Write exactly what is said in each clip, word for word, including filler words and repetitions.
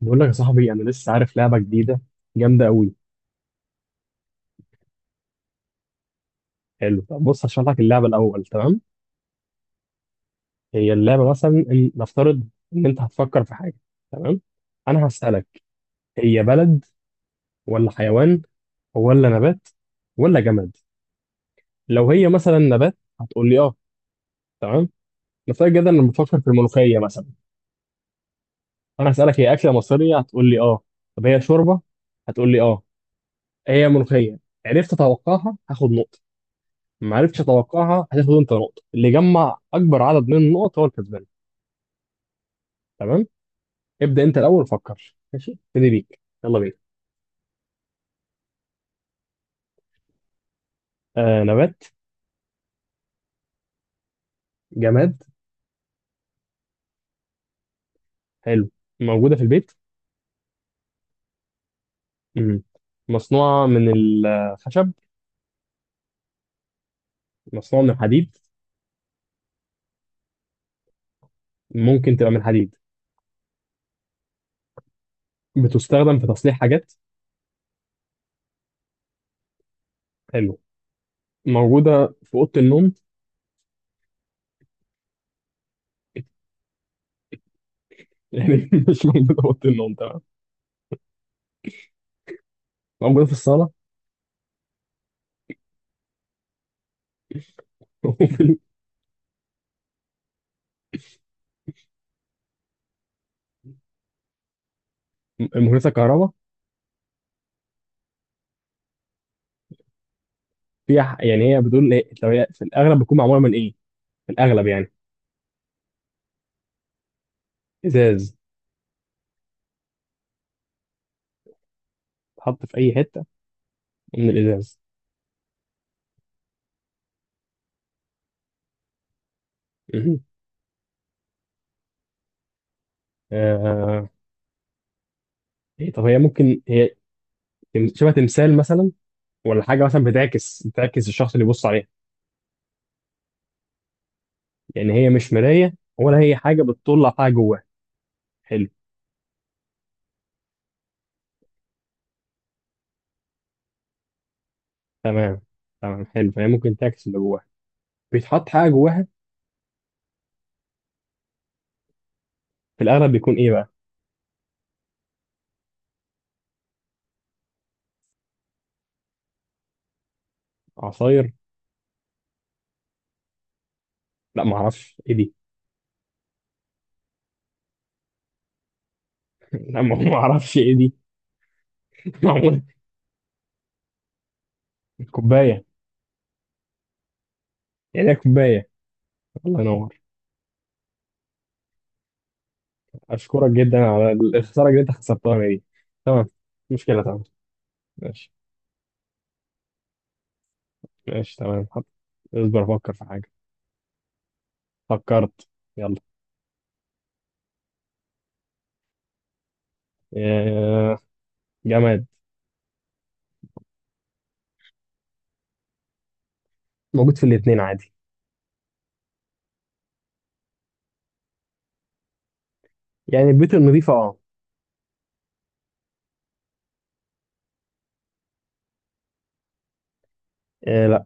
بقول لك يا صاحبي، انا لسه عارف لعبه جديده جامده قوي. حلو، طب بص هشرح لك اللعبه الاول، تمام. هي اللعبه مثلا إن نفترض ان انت هتفكر في حاجه، تمام. انا هسالك هي بلد ولا حيوان ولا نبات ولا جماد. لو هي مثلا نبات هتقول لي اه، تمام. نفترض جدا ان بفكر في الملوخيه مثلا. انا هسالك هي اكله مصريه هتقول لي اه، طب هي شوربه، هتقول لي اه، هي ملوخيه. عرفت اتوقعها هاخد نقطه، ما عرفتش اتوقعها هتاخد انت نقطه، اللي يجمع اكبر عدد من النقط هو الكسبان. تمام، ابدا انت الاول فكر، ماشي ابتدي بيك، يلا بينا. آه نبات؟ جماد؟ حلو. موجوده في البيت؟ مم. مصنوعه من الخشب؟ مصنوعه من الحديد؟ ممكن تبقى من الحديد. بتستخدم في تصليح حاجات؟ حلو. موجوده في اوضه النوم؟ يعني مش موجوده في اوضه النوم، تمام. موجوده في الصاله؟ وفي الم- مهندسه كهرباء؟ فيها ح- يعني هي بتقول إيه؟ لو هي في الاغلب بتكون معموله من ايه؟ في الاغلب يعني. ازاز؟ اتحط في اي حته من الازاز؟ مهم. آه... إيه طب هي ممكن هي تم- شبه تمثال مثلا، ولا حاجه مثلا بتعكس بتعكس الشخص اللي بيبص عليها؟ يعني هي مش مرايه ولا هي حاجه بتطلع حاجه جواها؟ حلو. تمام، تمام حلو، فهي ممكن تعكس اللي جواها، بيتحط حاجه جواها. في الاغلب بيكون ايه بقى؟ عصاير؟ لا ما اعرفش ايه دي. لا، ما اعرفش ايه دي. معمول. كوبايه؟ يعني هي كوبايه. الله ينور، اشكرك جدا على الخساره اللي انت خسرتها دي. تمام، مشكله، تمام. ماشي، ماشي تمام حط. اصبر افكر في حاجة. فكرت؟ يلا. آه، جماد. موجود في الاتنين عادي. يعني البيوت النظيفة، اه. آه، لا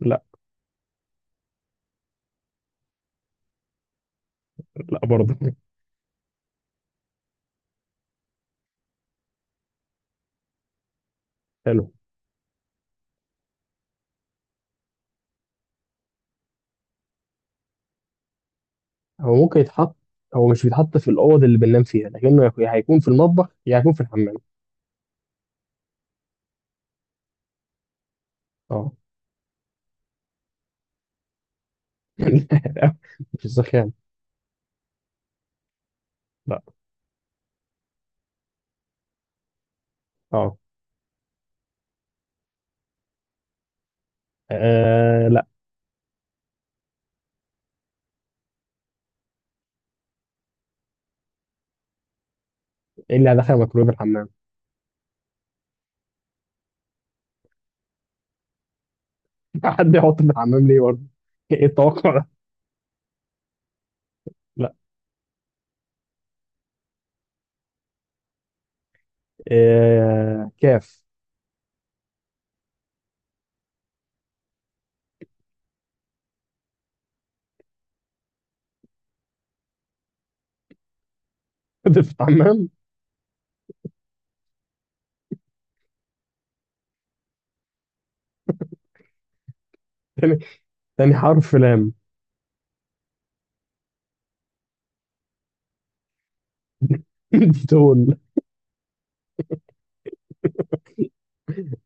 لا. لا برضه. حلو. هو ممكن يتحط، هو مش بيتحط في الأوض اللي بننام فيها، لكنه يك- يا هيكون في المطبخ يا هيكون في الحمام. اه. لا، مش السخان. لا. اه. آه، لا. ايه اللي هدخل ميكرويف الحمام؟ حد يحط في الحمام ليه برضه؟ ايه التوقع ده؟ لا. آه، كاف. في الحمام. تاني، تاني حرف لام. الديتول.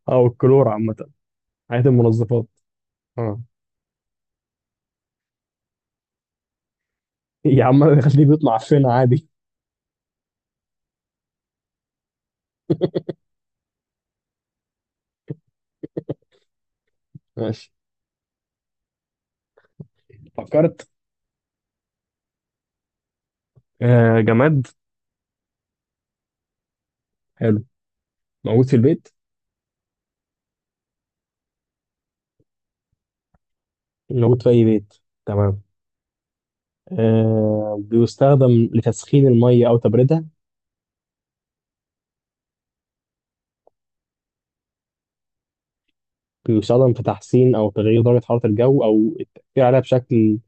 او الكلور عامه. حياه المنظفات. اه. يا عم انا خليه بيطلع فين عادي. ماشي. فكرت. آه جماد. حلو. موجود في البيت. موجود في أي بيت. تمام. آه بيستخدم لتسخين الميه او تبريدها؟ بيستخدم في تحسين أو تغيير درجة حرارة الجو أو التأثير عليها بشكل،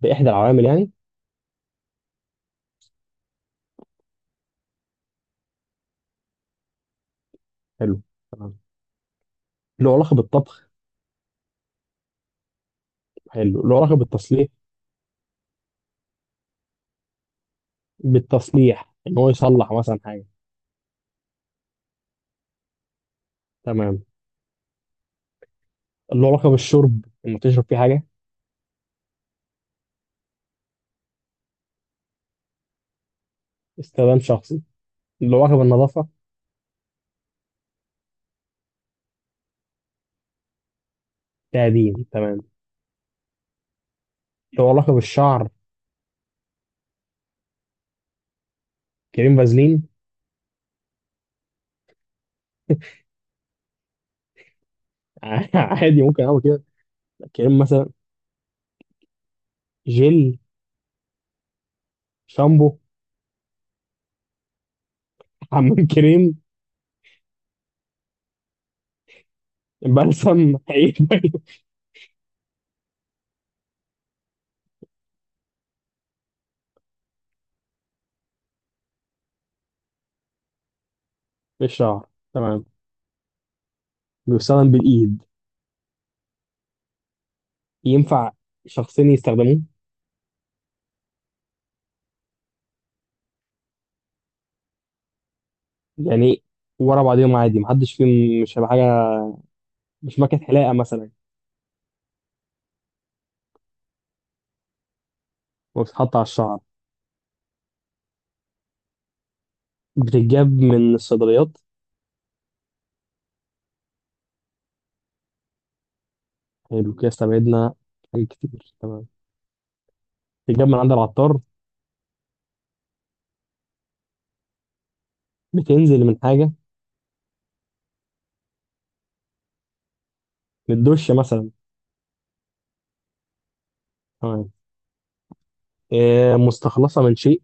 بإحدى العوامل يعني. حلو، تمام. له علاقة بالطبخ؟ حلو، له علاقة بالتصليح، بالتصليح إن هو يصلح مثلا حاجة. تمام. له علاقة بالشرب؟ إنه تشرب فيه حاجة؟ استخدام شخصي. له لقب النظافة. تقديم تمام. له لقب الشعر. كريم فازلين؟ عادي ممكن اعمل كده. كريم مثلا؟ جل؟ شامبو؟ حمام كريم؟ بلسم؟ اي حاجة في الشعر. تمام. بيستخدم بالايد. ينفع شخصين يستخدموه؟ يعني ورا بعضهم عادي، محدش فيهم مش هيبقى حاجة. مش ماكينة حلاقة مثلا؟ وبتتحط على الشعر. بتتجاب من الصيدليات؟ حلو كده، استبعدنا حاجات كتير، تمام. بتتجاب من عند العطار؟ بتنزل من حاجة؟ من الدش مثلا؟ تمام. آه، مستخلصه من شيء.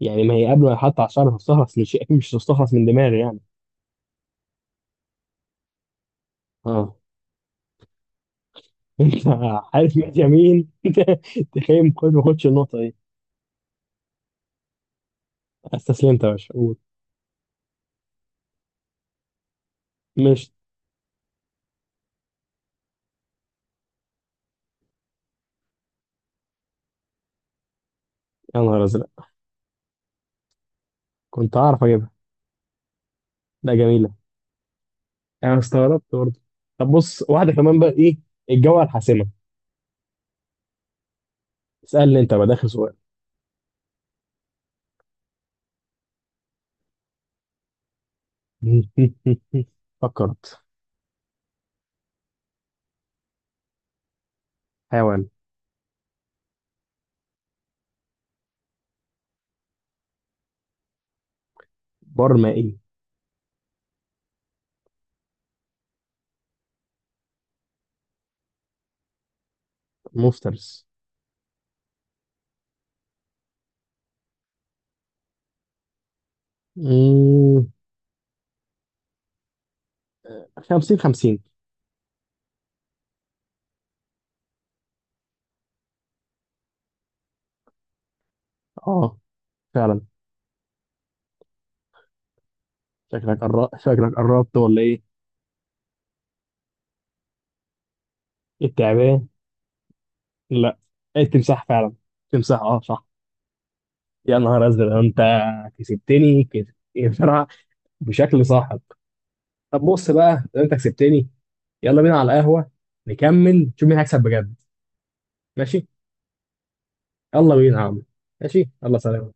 يعني ما هي قبل ما يحط على الشعر تستخلص من شيء، اكيد مش تستخلص من دماغي يعني. اه. انت عارف؟ ماشي يمين. تخيل خد ما خدش النقطه دي. استسلمت يا باشا، قول. مش. يا نهار ازرق، كنت هعرف اجيبها. لا جميله. انا استغربت برضه. طب بص واحده كمان بقى، ايه الجوله الحاسمه. اسالني انت بقى، ده اخر سؤال. فكرت. حيوان. برمائي مفترس. مم، خمسين خمسين. اه فعلا. شكلك قربت، شكلك قربت ولا ايه؟ التعبان؟ لا، التمساح فعلا، تمساح اه صح. يا نهار ازرق انت كسبتني كده بصراحه، بشكل صاحب. طب بص بقى، لو انت كسبتني يلا بينا على القهوه، نكمل نشوف مين هيكسب بجد. ماشي، يلا بينا يا عم، ماشي يلا سلام.